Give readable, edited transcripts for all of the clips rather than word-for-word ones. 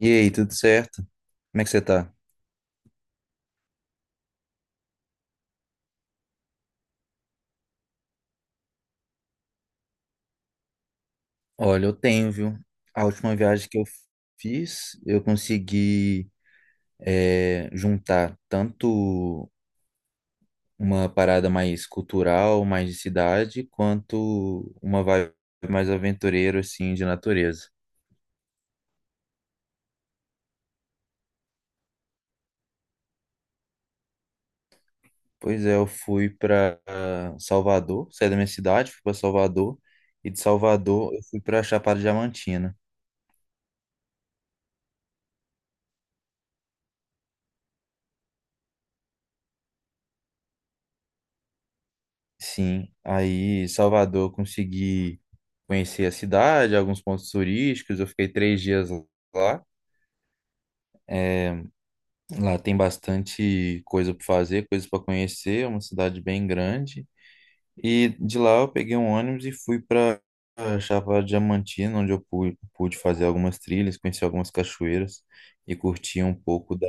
E aí, tudo certo? Como é que você tá? Olha, eu tenho, viu? A última viagem que eu fiz, eu consegui juntar tanto uma parada mais cultural, mais de cidade, quanto uma vibe mais aventureira, assim, de natureza. Pois é, eu fui para Salvador, saí da minha cidade, fui para Salvador, e de Salvador eu fui para Chapada Diamantina. Sim, aí em Salvador eu consegui conhecer a cidade, alguns pontos turísticos. Eu fiquei 3 dias lá. É, lá tem bastante coisa para fazer, coisas para conhecer. É uma cidade bem grande. E de lá eu peguei um ônibus e fui para Chapada Diamantina, onde eu pude fazer algumas trilhas, conhecer algumas cachoeiras e curtir um pouco da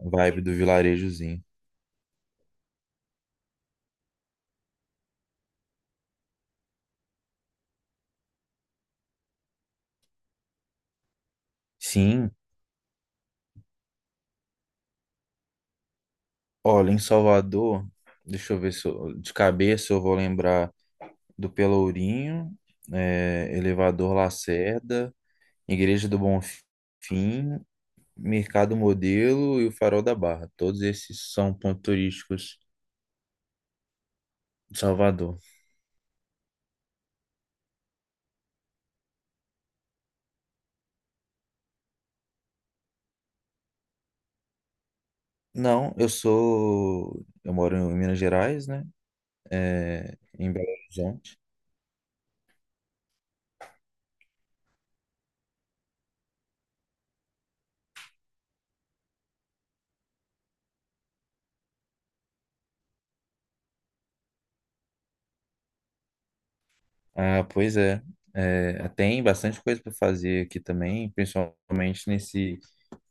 vibe do vilarejozinho. Sim, olha, em Salvador, deixa eu ver se eu- de cabeça eu vou lembrar do Pelourinho, é, Elevador Lacerda, Igreja do Bonfim, Mercado Modelo e o Farol da Barra. Todos esses são pontos turísticos de Salvador. Não, eu sou. Eu moro em Minas Gerais, né? É, em Belo Horizonte. Ah, pois é. É, tem bastante coisa para fazer aqui também, principalmente nesse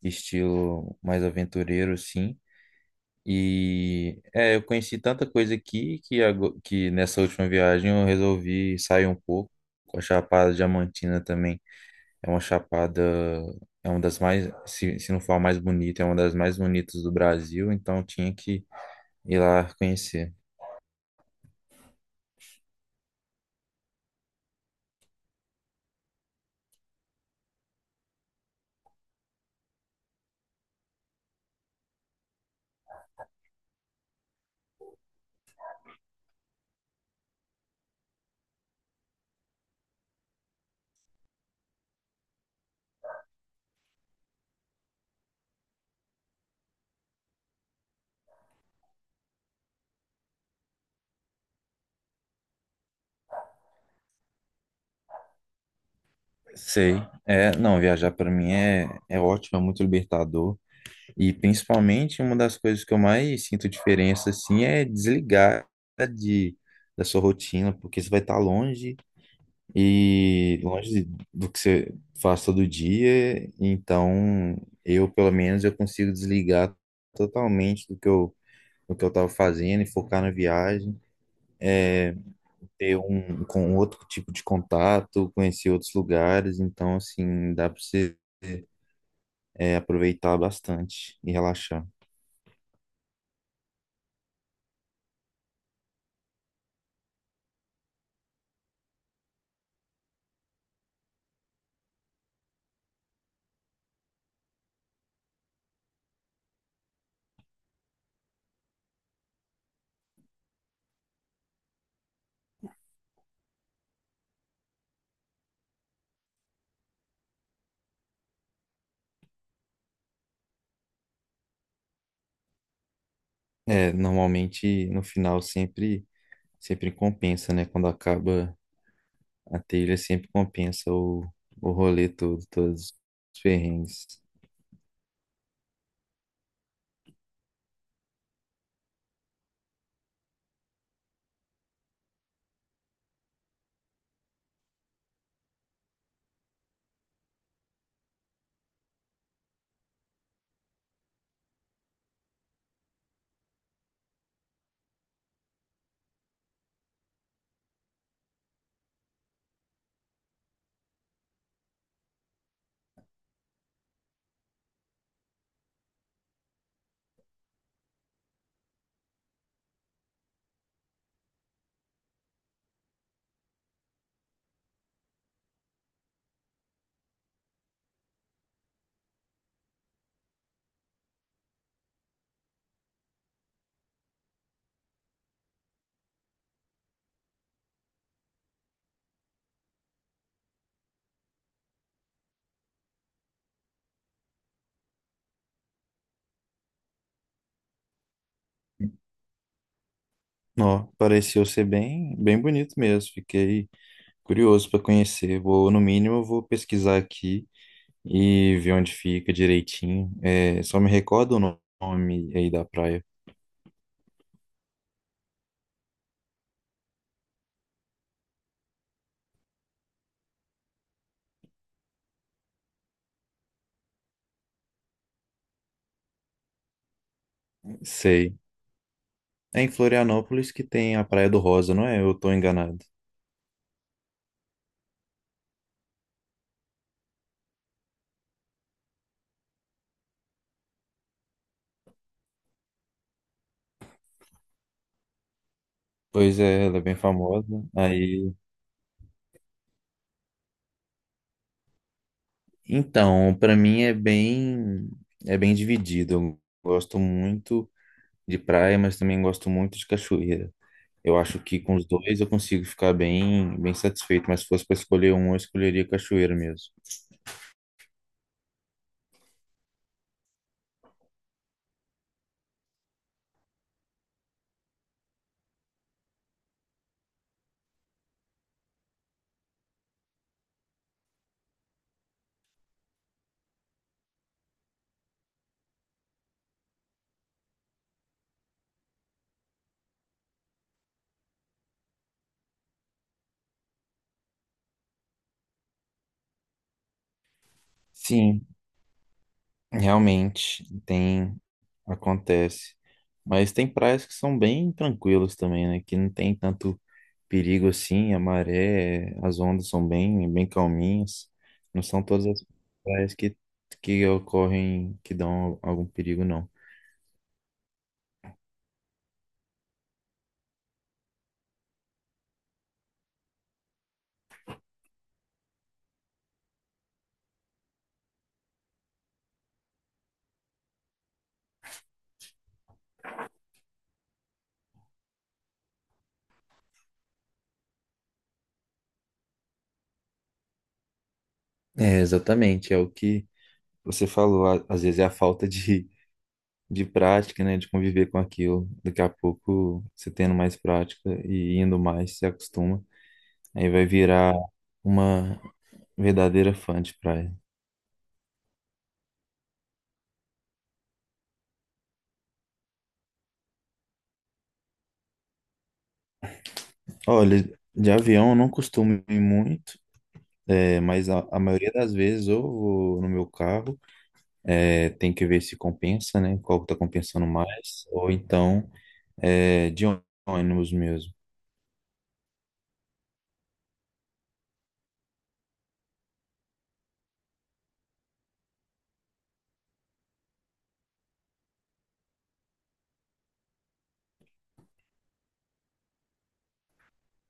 estilo mais aventureiro, assim. E eu conheci tanta coisa aqui que, que nessa última viagem eu resolvi sair um pouco. A Chapada Diamantina também é uma chapada, é uma das mais, se não for a mais bonita, é uma das mais bonitas do Brasil, então eu tinha que ir lá conhecer. Sei, é, não, viajar para mim é, é ótimo, é muito libertador. E principalmente uma das coisas que eu mais sinto diferença assim é desligar de, da sua rotina, porque você vai estar longe. E longe do que você faz todo dia, então eu, pelo menos, eu consigo desligar totalmente do que eu estava fazendo e focar na viagem, ter um com outro tipo de contato, conhecer outros lugares, então assim, dá para você aproveitar bastante e relaxar. É, normalmente no final sempre compensa, né? Quando acaba a trilha sempre compensa o rolê todo, todos os perrengues. Ó, pareceu ser bem, bem bonito mesmo. Fiquei curioso para conhecer. Vou, no mínimo, eu vou pesquisar aqui e ver onde fica direitinho. É, só me recorda o nome aí da praia. Sei. É em Florianópolis que tem a Praia do Rosa, não é? Eu tô enganado. Pois é, ela é bem famosa. Aí, então, para mim é bem dividido. Eu gosto muito de praia, mas também gosto muito de cachoeira. Eu acho que com os dois eu consigo ficar bem, bem satisfeito, mas se fosse para escolher um, eu escolheria cachoeira mesmo. Sim, realmente tem, acontece. Mas tem praias que são bem tranquilas também, né? Que não tem tanto perigo assim, a maré, as ondas são bem, bem calminhas. Não são todas as praias que ocorrem, que dão algum perigo, não. É, exatamente, é o que você falou, às vezes é a falta de prática, né, de conviver com aquilo. Daqui a pouco, você tendo mais prática e indo mais, se acostuma. Aí vai virar uma verdadeira fã de praia. Olha, de avião eu não costumo ir muito, é, mas a maioria das vezes eu vou no meu carro, é, tem que ver se compensa, né, qual que tá compensando mais, ou então é, de ônibus mesmo.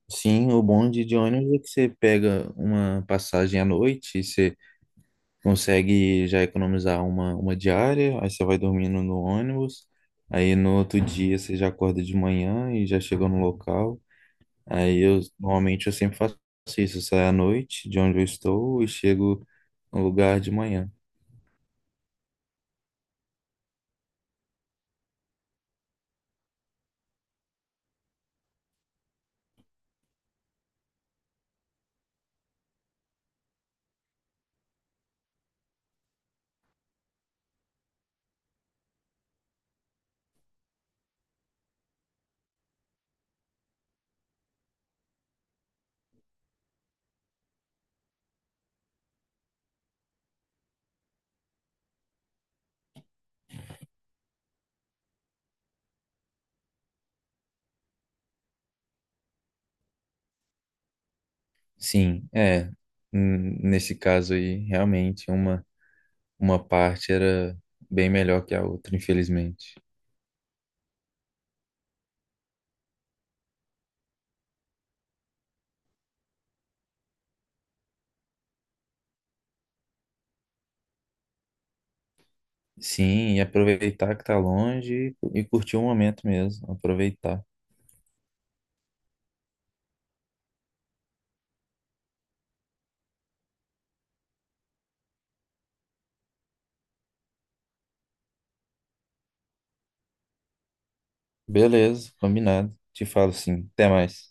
Sim, o bonde de ônibus é que você pega uma passagem à noite e você consegue já economizar uma diária, aí você vai dormindo no ônibus, aí no outro dia você já acorda de manhã e já chega no local. Aí eu normalmente eu sempre faço isso, eu saio à noite de onde eu estou e chego no lugar de manhã. Sim, é. Nesse caso aí, realmente uma parte era bem melhor que a outra, infelizmente. Sim, e aproveitar que tá longe e curtir o momento mesmo, aproveitar. Beleza, combinado. Te falo sim. Até mais.